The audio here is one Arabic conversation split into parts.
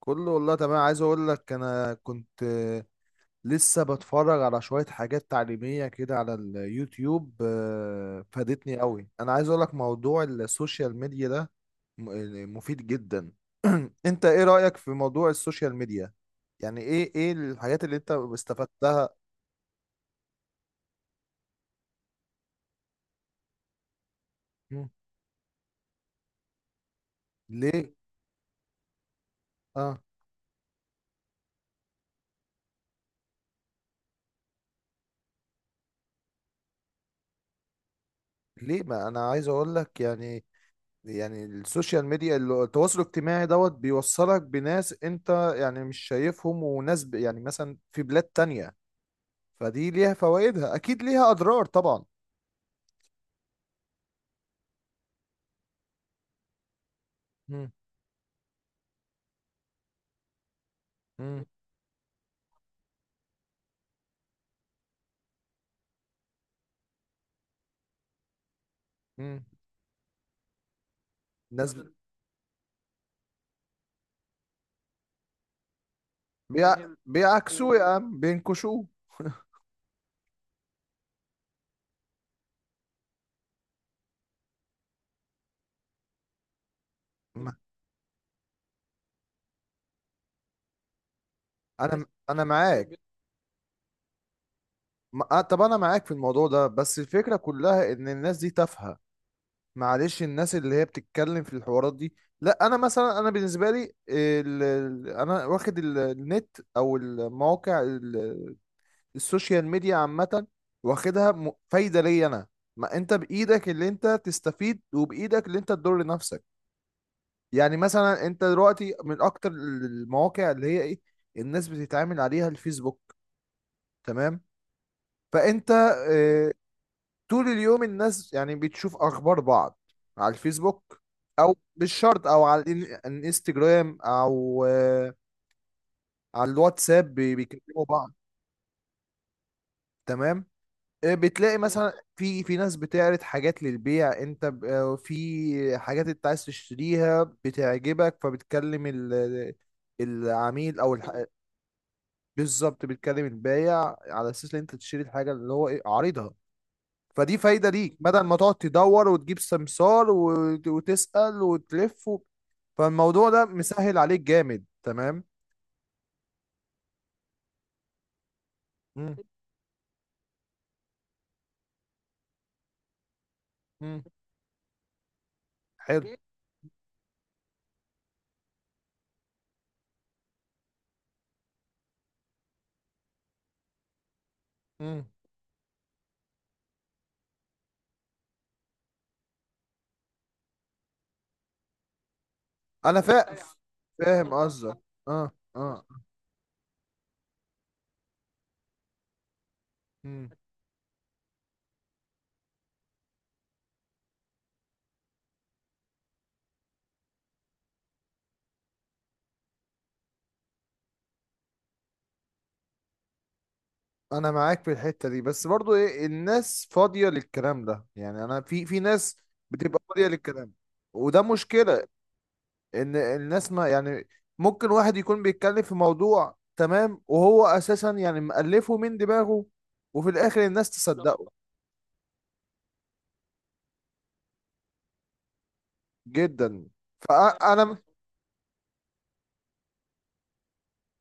كله والله تمام، عايز اقول لك انا كنت لسه بتفرج على شوية حاجات تعليمية كده على اليوتيوب، فادتني قوي. انا عايز اقول لك موضوع السوشيال ميديا ده مفيد جدا. انت ايه رأيك في موضوع السوشيال ميديا؟ يعني ايه الحاجات اللي انت استفدتها؟ مم. ليه؟ اه، ليه؟ ما انا عايز اقول لك يعني، يعني السوشيال ميديا التواصل الاجتماعي دوت بيوصلك بناس انت يعني مش شايفهم وناس يعني مثلا في بلاد تانية. فدي ليها فوائدها، اكيد ليها اضرار طبعا. مم. مم. مم. ناس بيع... بيعكسوه يا عم، بينكشوه. ما- انا معاك. ما... آه، طب انا معاك في الموضوع ده، بس الفكرة كلها ان الناس دي تافهة. معلش، الناس اللي هي بتتكلم في الحوارات دي. لا، انا مثلا انا بالنسبه لي انا واخد النت او المواقع السوشيال ميديا عامه، واخدها فايده ليا انا. ما انت بايدك اللي انت تستفيد وبايدك اللي انت تضر نفسك. يعني مثلا انت دلوقتي من اكتر المواقع اللي هي ايه الناس بتتعامل عليها الفيسبوك، تمام. فانت آه، طول اليوم الناس يعني بتشوف اخبار بعض على الفيسبوك، او مش شرط، او على الانستجرام، او على الواتساب بيكلموا بعض، تمام. بتلاقي مثلا في ناس بتعرض حاجات للبيع، انت في حاجات انت عايز تشتريها بتعجبك فبتكلم العميل او بالظبط بتكلم البايع على اساس ان انت تشتري الحاجه اللي هو ايه عارضها. فدي فايدة ليك، بدل ما تقعد تدور وتجيب سمسار وتسأل وتلف فالموضوع ده مسهل عليك جامد، تمام. مم. مم. حلو. مم. انا فاهم قصدك، اه اه. مم. انا معاك في الحتة دي، بس برضو ايه، الناس فاضية للكلام ده يعني. انا في ناس بتبقى فاضية للكلام، وده مشكلة. ان الناس ما يعني، ممكن واحد يكون بيتكلم في موضوع تمام وهو اساسا يعني مألفه من دماغه، وفي الاخر الناس تصدقه. جدا. فانا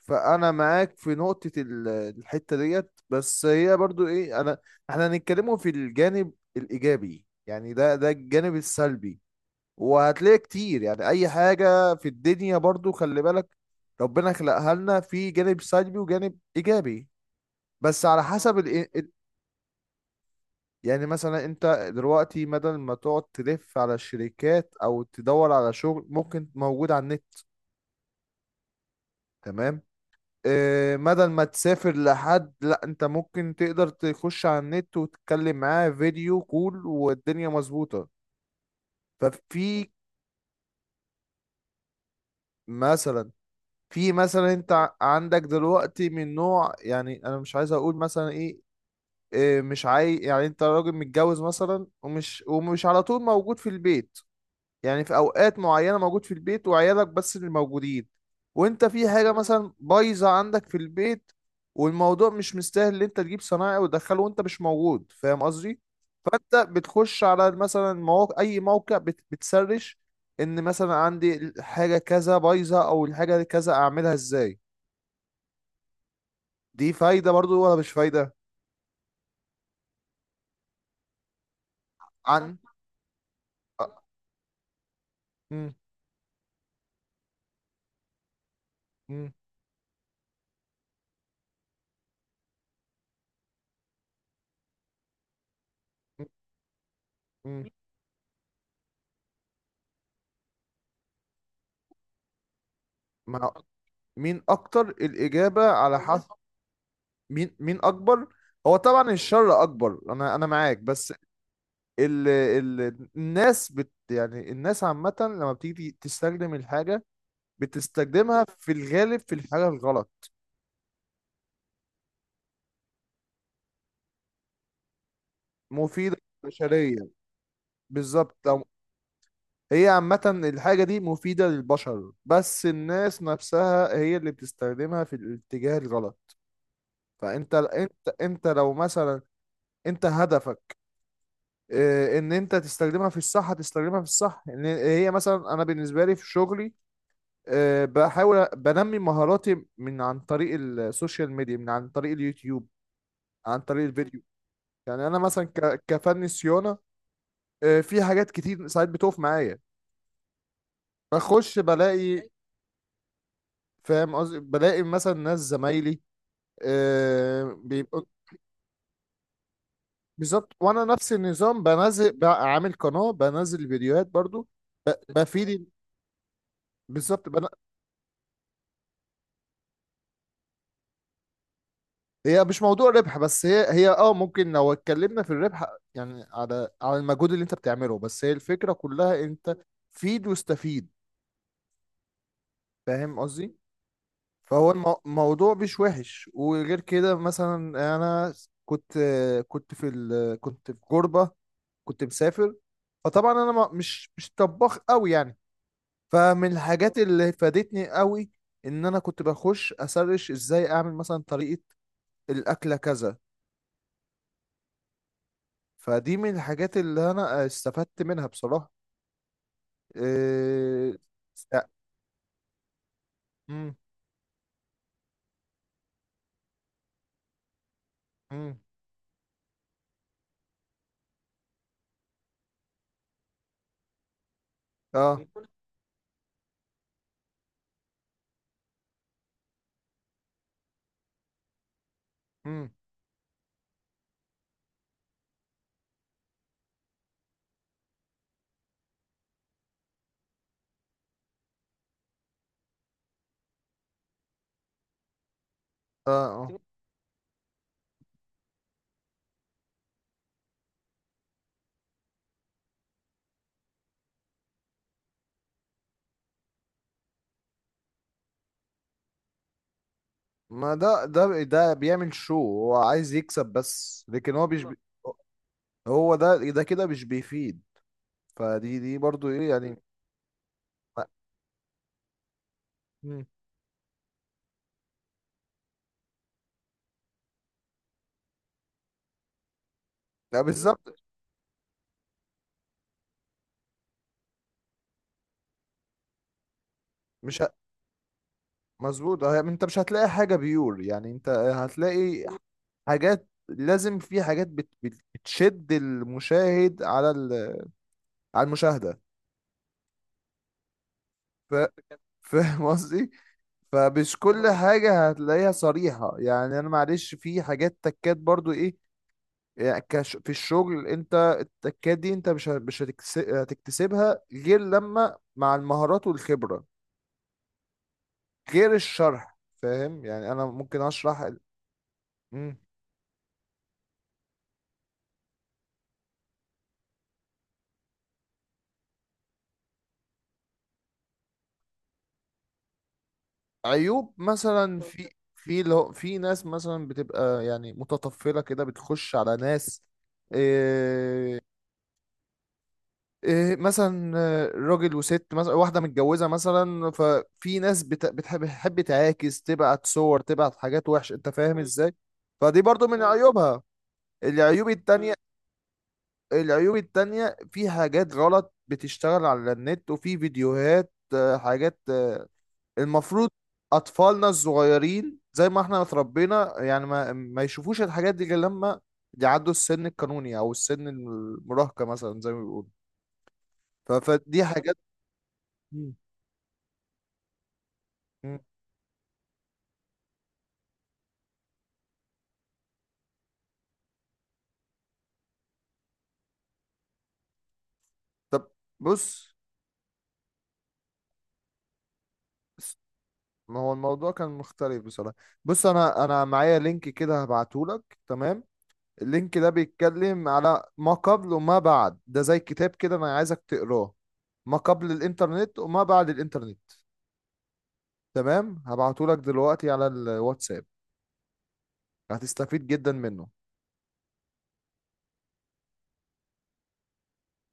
فانا معاك في نقطة الحتة ديت، بس هي برضو ايه. انا احنا هنتكلموا في الجانب الايجابي، يعني ده الجانب السلبي، وهتلاقي كتير. يعني اي حاجة في الدنيا برضو خلي بالك، ربنا خلقها لنا في جانب سلبي وجانب ايجابي، بس على حسب. يعني مثلا انت دلوقتي بدل ما تقعد تلف على الشركات او تدور على شغل، ممكن موجود على النت، تمام. اه بدل ما تسافر لحد، لا انت ممكن تقدر تخش على النت وتتكلم معاه فيديو كول والدنيا مظبوطة. ففي مثلا في مثلا انت عندك دلوقتي من نوع، يعني انا مش عايز اقول مثلا ايه، اه مش عاي يعني انت راجل متجوز مثلا، ومش على طول موجود في البيت، يعني في اوقات معينه موجود في البيت وعيالك بس اللي موجودين، وانت في حاجه مثلا بايظه عندك في البيت والموضوع مش مستاهل ان انت تجيب صنايعي وتدخله وانت مش موجود، فاهم قصدي. فانت بتخش على مثلا مواقع، اي موقع بتسرش ان مثلا عندي حاجه كذا بايظه، او الحاجه كذا اعملها ازاي. دي فايده برضو ولا مش فايده؟ عن أ- مم، مم، مم، مم. مع مين اكتر؟ الاجابه على حسب. مين اكبر. هو طبعا الشر اكبر، انا معاك، بس ال الناس يعني الناس عامه لما بتيجي تستخدم الحاجه بتستخدمها في الغالب في الحاجه الغلط. مفيده للبشريه، بالظبط. أو هي عامه الحاجه دي مفيده للبشر، بس الناس نفسها هي اللي بتستخدمها في الاتجاه الغلط. فانت انت انت لو مثلا انت هدفك ان انت تستخدمها في الصح هتستخدمها في الصح. ان هي مثلا انا بالنسبه لي في شغلي، بحاول بنمي مهاراتي من عن طريق السوشيال ميديا، من عن طريق اليوتيوب، عن طريق الفيديو. يعني انا مثلا كفني صيانه، في حاجات كتير ساعات بتقف معايا، بخش بلاقي، فاهم قصدي، بلاقي مثلا ناس زمايلي بيبقوا بالظبط. وانا نفس النظام بنزل بقى، عامل قناه بنزل فيديوهات برضو، ب- بفيد، بالظبط. هي مش موضوع ربح بس، هي ممكن لو اتكلمنا في الربح يعني، على المجهود اللي انت بتعمله، بس هي الفكرة كلها انت فيد واستفيد، فاهم قصدي. فهو الموضوع مش وحش. وغير كده مثلا، انا كنت كنت في غربة، كنت مسافر. فطبعا انا مش طباخ قوي يعني، فمن الحاجات اللي فادتني قوي ان انا كنت بخش اسرش ازاي اعمل مثلا طريقة الاكلة كذا. فدي من الحاجات اللي انا استفدت منها بصراحة. إيه... است- مم، مم، اه، مم، اه اه. ما ده ده بيعمل، شو هو عايز يكسب بس، لكن هو مش هو ده كده مش بيفيد. فدي برضو ايه يعني، ما- مم. لا بالظبط. مش ه... مظبوط. اه، يعني انت مش هتلاقي حاجة بيور، يعني انت هتلاقي حاجات. لازم في حاجات بتشد المشاهد على المشاهدة. ف... فاهم قصدي. فمش كل حاجة هتلاقيها صريحة يعني. أنا معلش في حاجات تكات برضو إيه، يعني كش في الشغل، أنت التكات دي أنت مش ه- مش هتكس- هتكتسبها غير لما مع المهارات والخبرة، غير الشرح، فاهم. يعني أنا ممكن أشرح مم. عيوب مثلا في ناس مثلا بتبقى يعني متطفلة كده، بتخش على ناس آه، إيه مثلا، راجل وست مثلا واحدة متجوزة مثلا، ففي ناس بتحب تعاكس، تبعت صور، تبعت حاجات وحشة، انت فاهم ازاي. فدي برضو من عيوبها. العيوب التانية مم. العيوب التانية في حاجات غلط بتشتغل على النت، وفي فيديوهات حاجات المفروض أطفالنا الصغيرين زي ما احنا اتربينا يعني ما يشوفوش الحاجات دي غير لما يعدوا السن القانوني أو السن المراهقة مثلا زي ما بيقولوا. فدي حاجات. مم. طب، بص، ما هو الموضوع كان مختلف بصراحة. بص انا معايا لينك كده هبعتهولك، تمام. اللينك ده بيتكلم على ما قبل وما بعد، ده زي كتاب كده، انا عايزك تقراه. ما قبل الانترنت وما بعد الانترنت، تمام، هبعتهولك دلوقتي على الواتساب، هتستفيد جدا منه.